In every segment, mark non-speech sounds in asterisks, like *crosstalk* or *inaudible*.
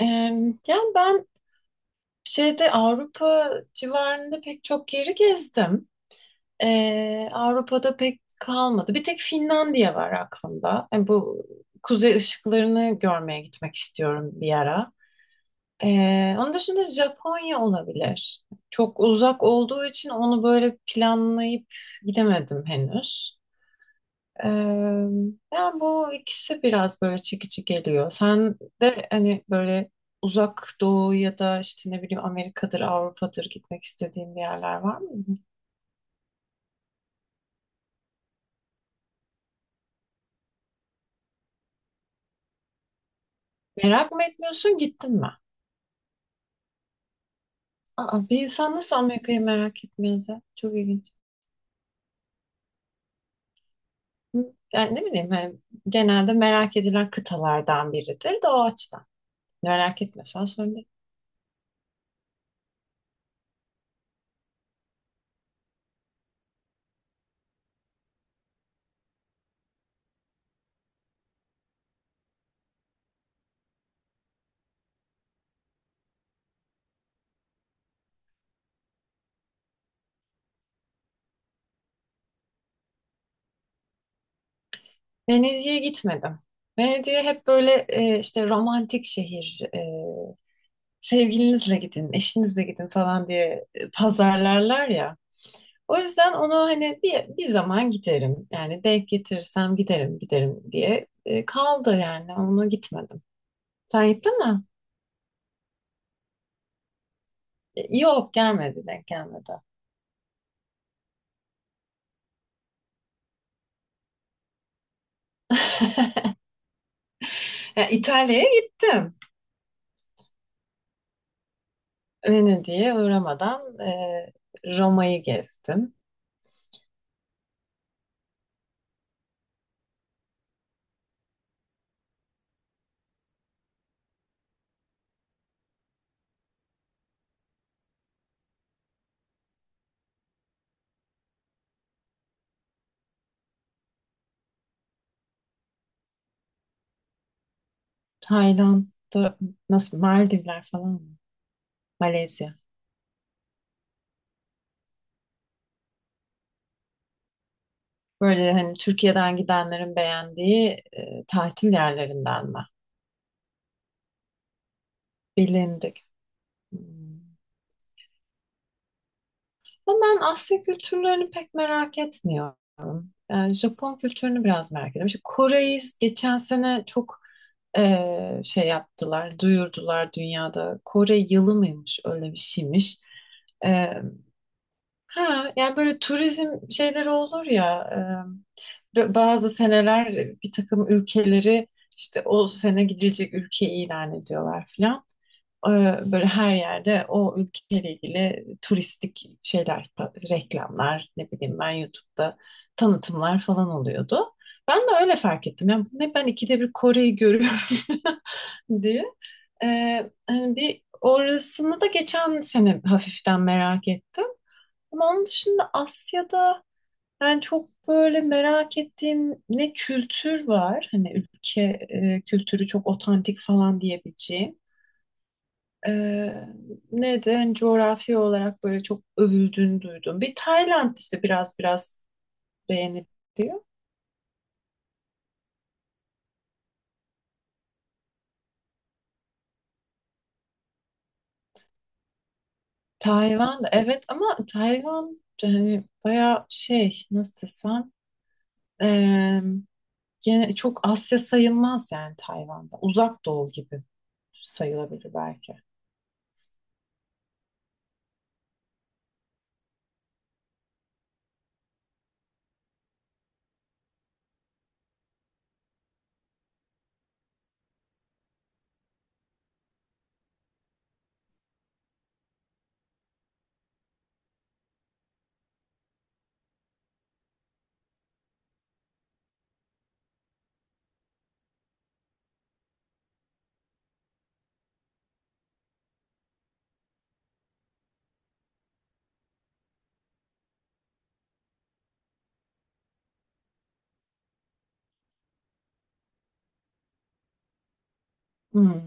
Ee, yani ben şeyde Avrupa civarında pek çok yeri gezdim. Avrupa'da pek kalmadı. Bir tek Finlandiya var aklımda. Yani bu kuzey ışıklarını görmeye gitmek istiyorum bir ara. Onun dışında Japonya olabilir. Çok uzak olduğu için onu böyle planlayıp gidemedim henüz. Ee, Yani bu ikisi biraz böyle çekici geliyor. Sen de hani böyle uzak doğu ya da işte ne bileyim Amerika'dır, Avrupa'dır gitmek istediğin bir yerler var mı? Merak mı etmiyorsun, gittin mi? Aa, bir insan nasıl Amerika'yı merak etmez ya? Çok ilginç. Hı? Yani ne bileyim hani genelde merak edilen kıtalardan biridir de o açıdan. Merak etmiyorsan sorun değil. Venedik'e gitmedim. Venedik'e hep böyle işte romantik şehir sevgilinizle gidin, eşinizle gidin falan diye pazarlarlar ya. O yüzden onu hani bir zaman giderim. Yani denk getirirsem giderim, giderim diye kaldı yani. Ona gitmedim. Sen gittin mi? Yok gelmedi, denk gelmedi. Yani İtalya'ya gittim. Venedik'e uğramadan Roma'yı gezdim. Tayland'da nasıl Maldivler falan mı? Malezya. Böyle hani Türkiye'den gidenlerin beğendiği tatil yerlerindenler. Bilindik. Hmm. Ama ben Asya kültürlerini pek merak etmiyorum. Yani Japon kültürünü biraz merak ediyorum. İşte Kore'yi geçen sene çok şey yaptılar, duyurdular dünyada. Kore yılı mıymış, öyle bir şeymiş. Eee, ha, yani böyle turizm şeyleri olur ya, bazı seneler bir takım ülkeleri işte o sene gidilecek ülke ilan ediyorlar filan. Böyle her yerde o ülkeyle ilgili turistik şeyler, reklamlar, ne bileyim ben YouTube'da tanıtımlar falan oluyordu. Ben de öyle fark ettim. Yani ne ben ikide bir Kore'yi görüyorum *laughs* diye. Hani bir orasını da geçen sene hafiften merak ettim. Ama onun dışında Asya'da ben çok böyle merak ettiğim ne kültür var. Hani ülke kültürü çok otantik falan diyebileceğim. Ee, Neydi? Hani coğrafi olarak böyle çok övüldüğünü duydum. Bir Tayland işte biraz biraz beğeniliyor. Tayvan da evet ama Tayvan da hani bayağı şey nasıl desem ee, gene çok Asya sayılmaz yani Tayvan'da. Uzak Doğu gibi sayılabilir belki. Hmm.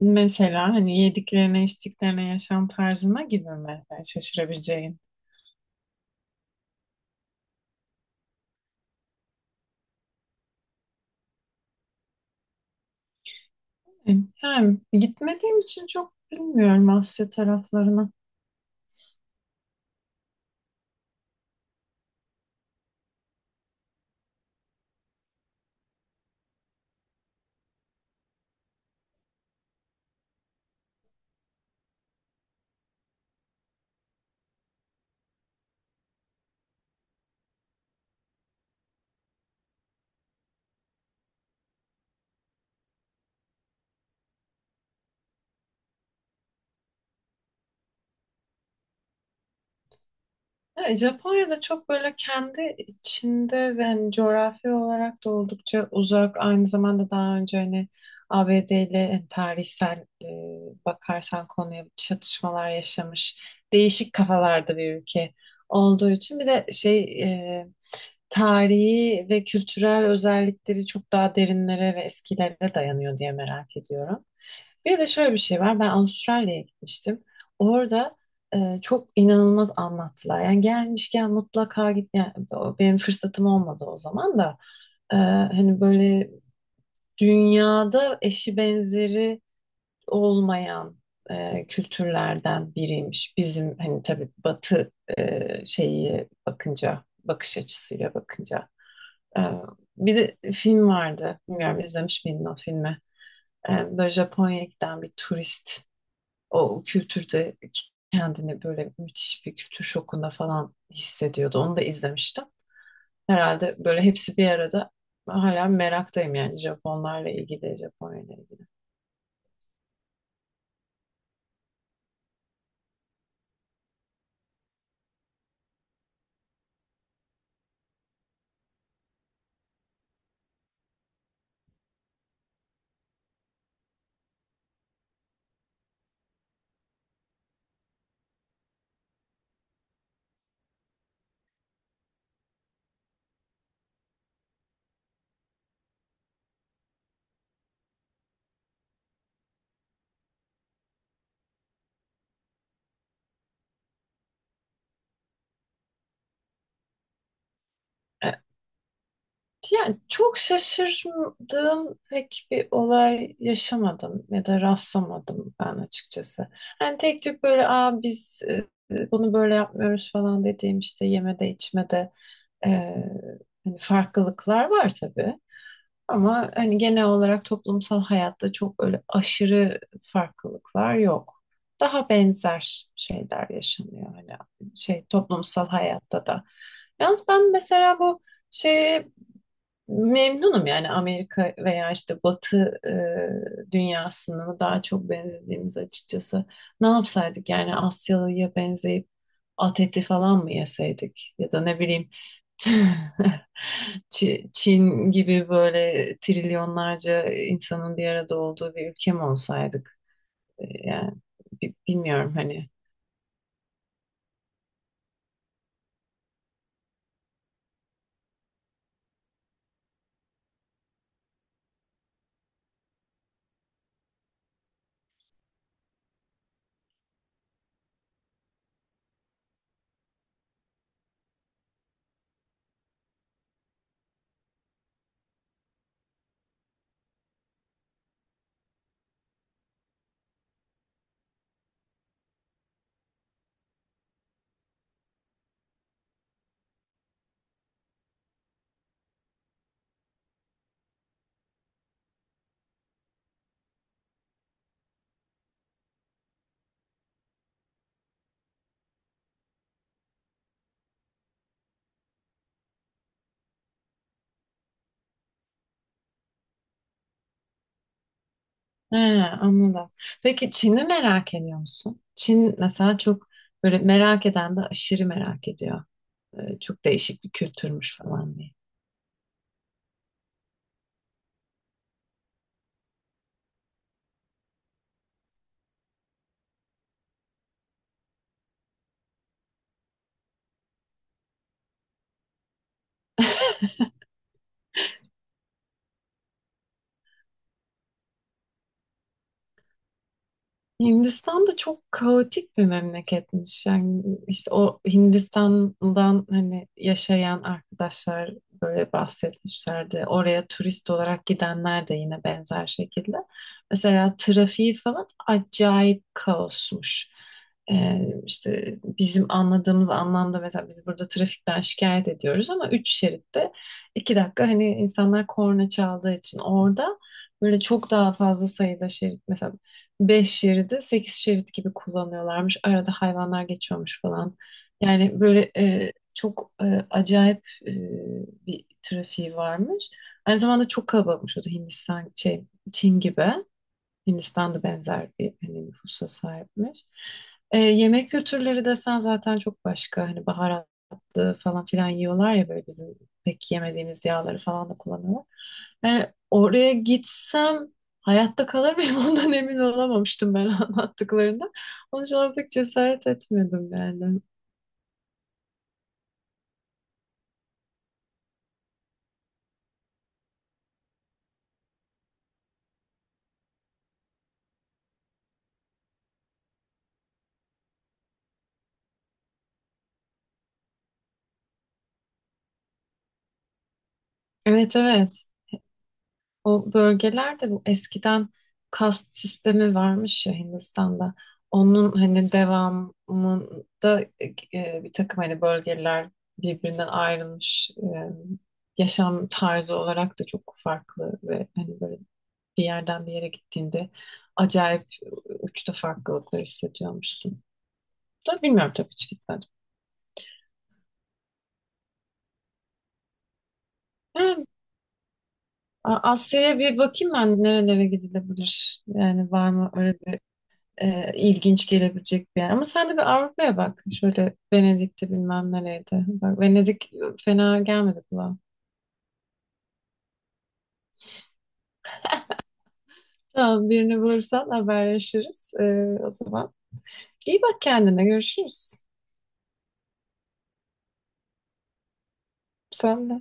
Mesela hani yediklerine, içtiklerine, yaşam tarzına gibi mi? Yani şaşırabileceğin. E, Yani gitmediğim için çok bilmiyorum Asya taraflarını. Ya, Japonya'da çok böyle kendi içinde ve hani coğrafi olarak da oldukça uzak. Aynı zamanda daha önce hani ABD ile hani tarihsel bakarsan konuya çatışmalar yaşamış. Değişik kafalarda bir ülke olduğu için bir de şey e, tarihi ve kültürel özellikleri çok daha derinlere ve eskilere dayanıyor diye merak ediyorum. Bir de şöyle bir şey var. Ben Avustralya'ya gitmiştim. Orada çok inanılmaz anlattılar. Yani gelmişken mutlaka git. Yani benim fırsatım olmadı o zaman da. Hani böyle dünyada eşi benzeri olmayan kültürlerden biriymiş. Bizim hani tabii Batı şeyi bakınca, bakış açısıyla bakınca. E, Bir de film vardı. Bilmiyorum izlemiş miydin o filmi? Böyle Japonya'ya giden bir turist o kültürde kendini böyle müthiş bir kültür şokunda falan hissediyordu. Onu da izlemiştim. Herhalde böyle hepsi bir arada hala meraktayım yani Japonlarla ilgili, Japonya'yla ilgili. Yani çok şaşırdığım pek bir olay yaşamadım ya da rastlamadım ben açıkçası. Hani tek tük böyle Aa, biz bunu böyle yapmıyoruz falan dediğim işte yemede içmede e, hani farklılıklar var tabii. Ama hani genel olarak toplumsal hayatta çok öyle aşırı farklılıklar yok. Daha benzer şeyler yaşanıyor hani şey toplumsal hayatta da. Yalnız ben mesela bu şey memnunum yani Amerika veya işte Batı dünyasına daha çok benzediğimiz açıkçası. Ne yapsaydık yani Asyalı'ya benzeyip at eti falan mı yeseydik ya da ne bileyim *laughs* Çin gibi böyle trilyonlarca insanın bir arada olduğu bir ülke mi olsaydık? Yani bilmiyorum hani. He, anladım. Peki Çin'i merak ediyor musun? Çin mesela çok böyle merak eden de aşırı merak ediyor. Çok değişik bir kültürmüş falan diye. *laughs* Hindistan da çok kaotik bir memleketmiş. Yani işte o Hindistan'dan hani yaşayan arkadaşlar böyle bahsetmişlerdi. Oraya turist olarak gidenler de yine benzer şekilde. Mesela trafiği falan acayip kaosmuş. Ee, işte bizim anladığımız anlamda mesela biz burada trafikten şikayet ediyoruz ama üç şeritte iki dakika hani insanlar korna çaldığı için orada böyle çok daha fazla sayıda şerit mesela 5 şeridi 8 şerit gibi kullanıyorlarmış. Arada hayvanlar geçiyormuş falan. Yani böyle çok acayip e, bir trafiği varmış. Aynı zamanda çok kalabalıkmış o da Hindistan şey Çin gibi. Hindistan'da benzer bir hani nüfusa sahipmiş. Yemek kültürleri desen zaten çok başka. Hani baharatlı falan filan yiyorlar ya böyle bizim pek yemediğimiz yağları falan da kullanıyorlar. Yani oraya gitsem hayatta kalır mıyım *laughs* ondan emin olamamıştım ben *laughs* anlattıklarında. Onun için ona pek cesaret etmedim yani. Evet evet. O bölgelerde bu eskiden kast sistemi varmış ya Hindistan'da. Onun hani devamında bir takım hani bölgeler birbirinden ayrılmış yaşam tarzı olarak da çok farklı ve hani böyle bir yerden bir yere gittiğinde acayip uçta farklılıklar hissediyormuşsun. Da bilmiyorum tabii hiç gitmedim. Yani Asya'ya bir bakayım ben nerelere gidilebilir. Yani var mı öyle ilginç gelebilecek bir yer. Ama sen de bir Avrupa'ya bak. Şöyle Venedik'te bilmem nereydi. Bak Venedik fena gelmedi kulağa. Tamam birini bulursan haberleşiriz. O zaman iyi bak kendine görüşürüz. Sen de.